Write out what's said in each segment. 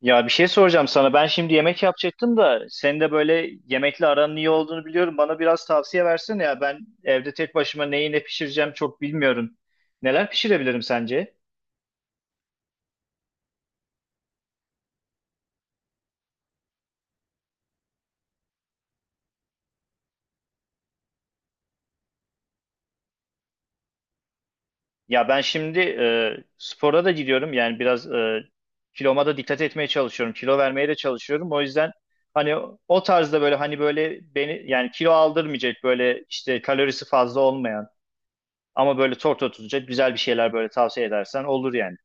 Ya bir şey soracağım sana. Ben şimdi yemek yapacaktım da senin de böyle yemekle aranın iyi olduğunu biliyorum. Bana biraz tavsiye versene ya. Ben evde tek başıma neyi ne pişireceğim çok bilmiyorum. Neler pişirebilirim sence? Ya ben şimdi spora da gidiyorum. Yani biraz kiloma da dikkat etmeye çalışıyorum. Kilo vermeye de çalışıyorum. O yüzden hani o tarzda böyle hani böyle beni yani kilo aldırmayacak böyle işte kalorisi fazla olmayan ama böyle tok tutacak güzel bir şeyler böyle tavsiye edersen olur yani.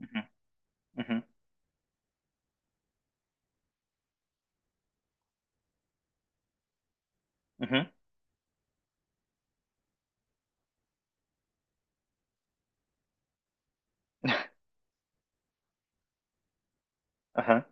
Hı hı, hı hı, hı hı. Aha.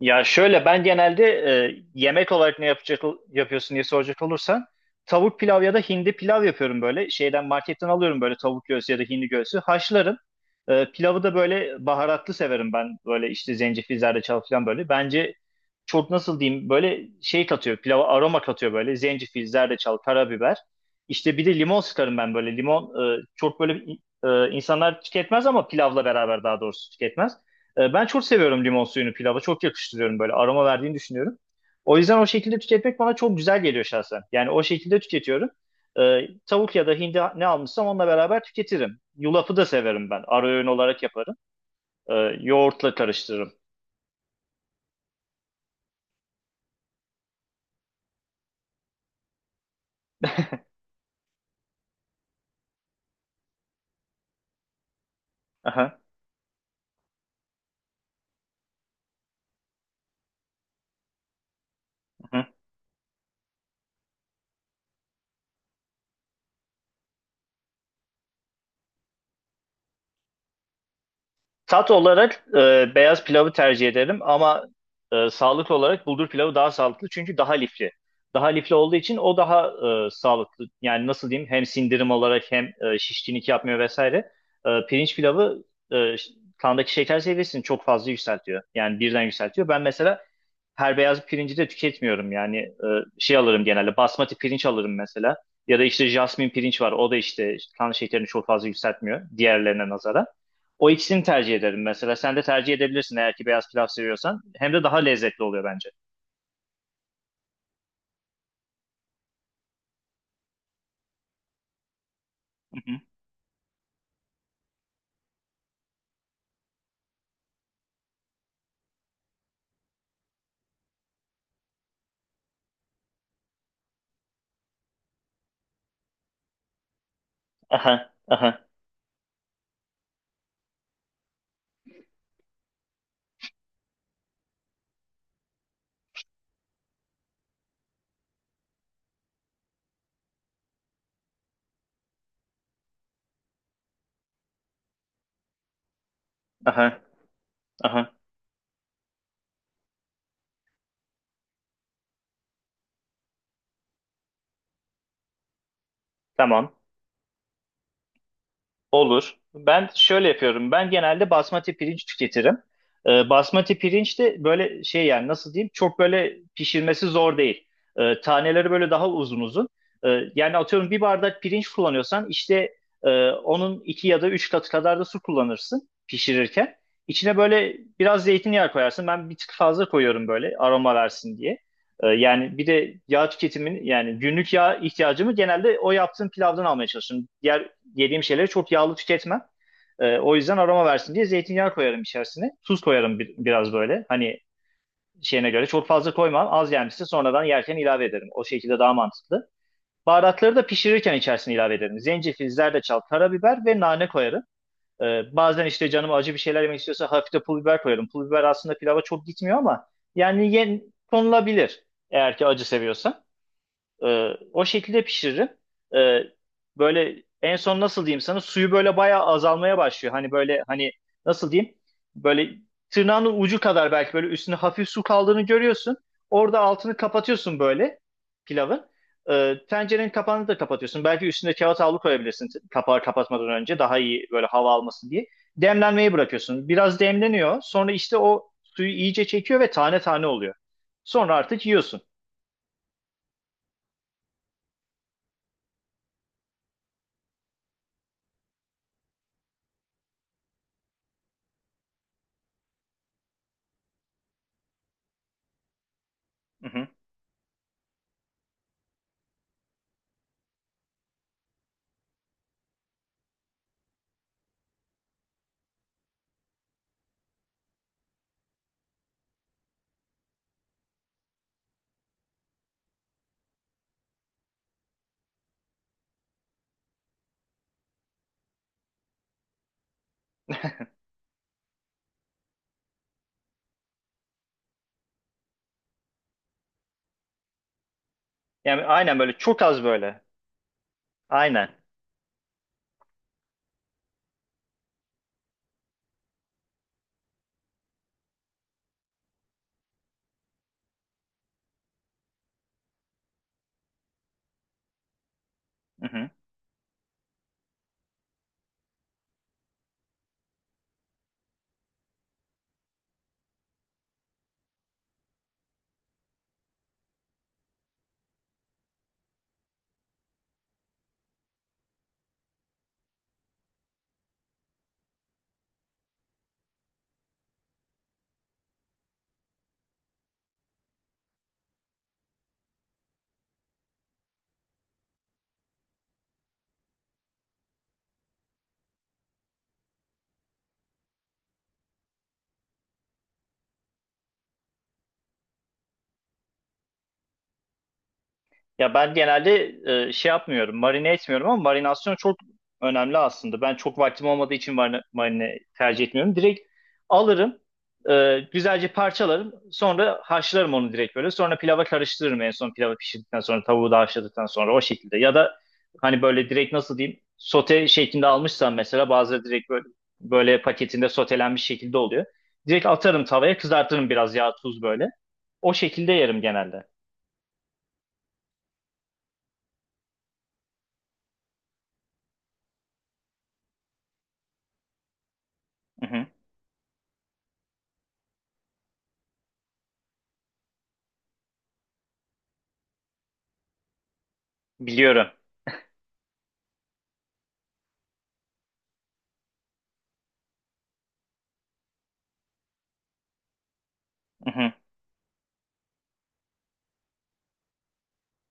Ya şöyle ben genelde yemek olarak ne yapacak yapıyorsun diye soracak olursan tavuk pilav ya da hindi pilav yapıyorum böyle. Şeyden marketten alıyorum böyle tavuk göğsü ya da hindi göğsü haşlarım. Pilavı da böyle baharatlı severim ben. Böyle işte zencefil, zerdeçal falan böyle. Bence çok nasıl diyeyim böyle şey katıyor. Pilava aroma katıyor böyle. Zencefil, zerdeçal, karabiber. İşte bir de limon sıkarım ben böyle. Limon çok böyle insanlar tüketmez ama pilavla beraber daha doğrusu tüketmez. Ben çok seviyorum limon suyunu pilava. Çok yakıştırıyorum böyle aroma verdiğini düşünüyorum. O yüzden o şekilde tüketmek bana çok güzel geliyor şahsen. Yani o şekilde tüketiyorum. Tavuk ya da hindi ne almışsam onunla beraber tüketirim. Yulafı da severim ben. Ara öğün olarak yaparım. E, Yoğurtla karıştırırım. Aha. Tat olarak beyaz pilavı tercih ederim ama sağlık olarak bulgur pilavı daha sağlıklı çünkü daha lifli. Daha lifli olduğu için o daha sağlıklı. Yani nasıl diyeyim hem sindirim olarak hem şişkinlik yapmıyor vesaire. Pirinç pilavı e, ş- kandaki şeker seviyesini çok fazla yükseltiyor. Yani birden yükseltiyor. Ben mesela her beyaz pirinci de tüketmiyorum. Yani şey alırım genelde basmati pirinç alırım mesela. Ya da işte jasmin pirinç var. O da işte kan şekerini çok fazla yükseltmiyor diğerlerine nazara. O ikisini tercih ederim mesela. Sen de tercih edebilirsin eğer ki beyaz pilav seviyorsan. Hem de daha lezzetli oluyor bence. Hı hı. Aha, aha, aha, aha. Tamam. Olur. Ben şöyle yapıyorum. Ben genelde basmati pirinç tüketirim. Basmati pirinç de böyle şey yani nasıl diyeyim çok böyle pişirmesi zor değil. Taneleri böyle daha uzun uzun. Yani atıyorum bir bardak pirinç kullanıyorsan işte onun iki ya da üç katı kadar da su kullanırsın pişirirken. İçine böyle biraz zeytinyağı koyarsın. Ben bir tık fazla koyuyorum böyle aroma versin diye. Yani bir de yağ tüketimin yani günlük yağ ihtiyacımı genelde o yaptığım pilavdan almaya çalışıyorum. Diğer yediğim şeyleri çok yağlı tüketmem. O yüzden aroma versin diye zeytinyağı koyarım içerisine. Tuz koyarım biraz böyle. Hani şeyine göre çok fazla koymam. Az gelmişse sonradan yerken ilave ederim. O şekilde daha mantıklı. Baharatları da pişirirken içerisine ilave ederim. Zencefil, zerdeçal, karabiber ve nane koyarım. Bazen işte canım acı bir şeyler yemek istiyorsa hafif de pul biber koyarım. Pul biber aslında pilava çok gitmiyor ama yani konulabilir eğer ki acı seviyorsan. O şekilde pişiririm. Ee, Böyle en son nasıl diyeyim sana suyu böyle bayağı azalmaya başlıyor. Hani böyle hani nasıl diyeyim böyle tırnağının ucu kadar belki böyle üstüne hafif su kaldığını görüyorsun. Orada altını kapatıyorsun böyle pilavın. Tencerenin kapağını da kapatıyorsun. Belki üstüne kağıt havlu koyabilirsin kapağı kapatmadan önce daha iyi böyle hava alması diye. Demlenmeyi bırakıyorsun. Biraz demleniyor. Sonra işte o suyu iyice çekiyor ve tane tane oluyor. Sonra artık yiyorsun. Hı hı. Yani aynen böyle çok az böyle. Aynen. Hı hı. Ya ben genelde şey yapmıyorum, marine etmiyorum ama marinasyon çok önemli aslında. Ben çok vaktim olmadığı için marine tercih etmiyorum. Direkt alırım, güzelce parçalarım, sonra haşlarım onu direkt böyle. Sonra pilava karıştırırım en son pilavı pişirdikten sonra, tavuğu da haşladıktan sonra o şekilde. Ya da hani böyle direkt nasıl diyeyim, sote şeklinde almışsam mesela bazıları direkt böyle paketinde sotelenmiş şekilde oluyor. Direkt atarım tavaya, kızartırım biraz yağ, tuz böyle. O şekilde yerim genelde. Hı hı. Biliyorum. Hı hı.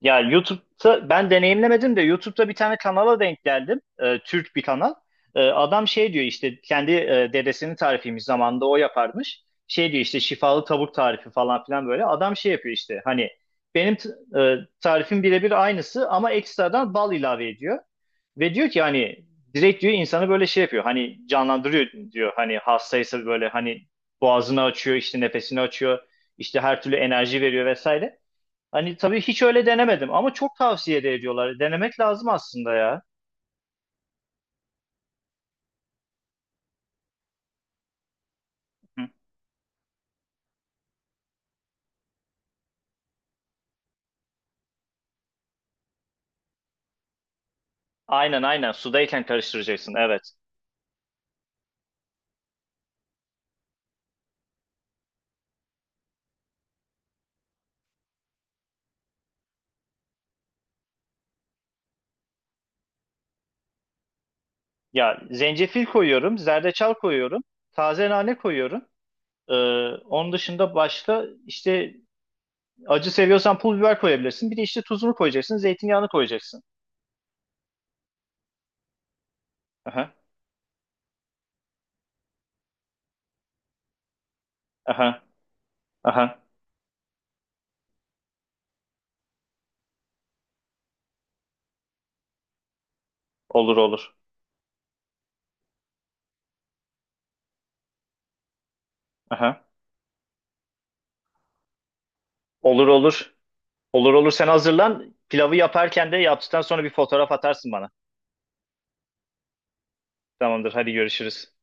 Ya YouTube'da ben deneyimlemedim de YouTube'da bir tane kanala denk geldim. Türk bir kanal. Adam şey diyor işte kendi dedesinin tarifiymiş zamanında o yaparmış. Şey diyor işte şifalı tavuk tarifi falan filan böyle. Adam şey yapıyor işte hani benim tarifim birebir aynısı ama ekstradan bal ilave ediyor. Ve diyor ki hani direkt diyor insanı böyle şey yapıyor. Hani canlandırıyor diyor. Hani hastaysa böyle hani boğazını açıyor, işte nefesini açıyor. İşte her türlü enerji veriyor vesaire. Hani tabii hiç öyle denemedim ama çok tavsiye de ediyorlar. Denemek lazım aslında ya. Hı. Aynen aynen sudayken karıştıracaksın evet. Ya zencefil koyuyorum, zerdeçal koyuyorum, taze nane koyuyorum. Ee, Onun dışında başka işte acı seviyorsan pul biber koyabilirsin. Bir de işte tuzunu koyacaksın, zeytinyağını koyacaksın. Aha, aha, aha. Olur olur. Aha. Olur olur. Olur olur sen hazırlan. Pilavı yaparken de yaptıktan sonra bir fotoğraf atarsın bana. Tamamdır hadi görüşürüz.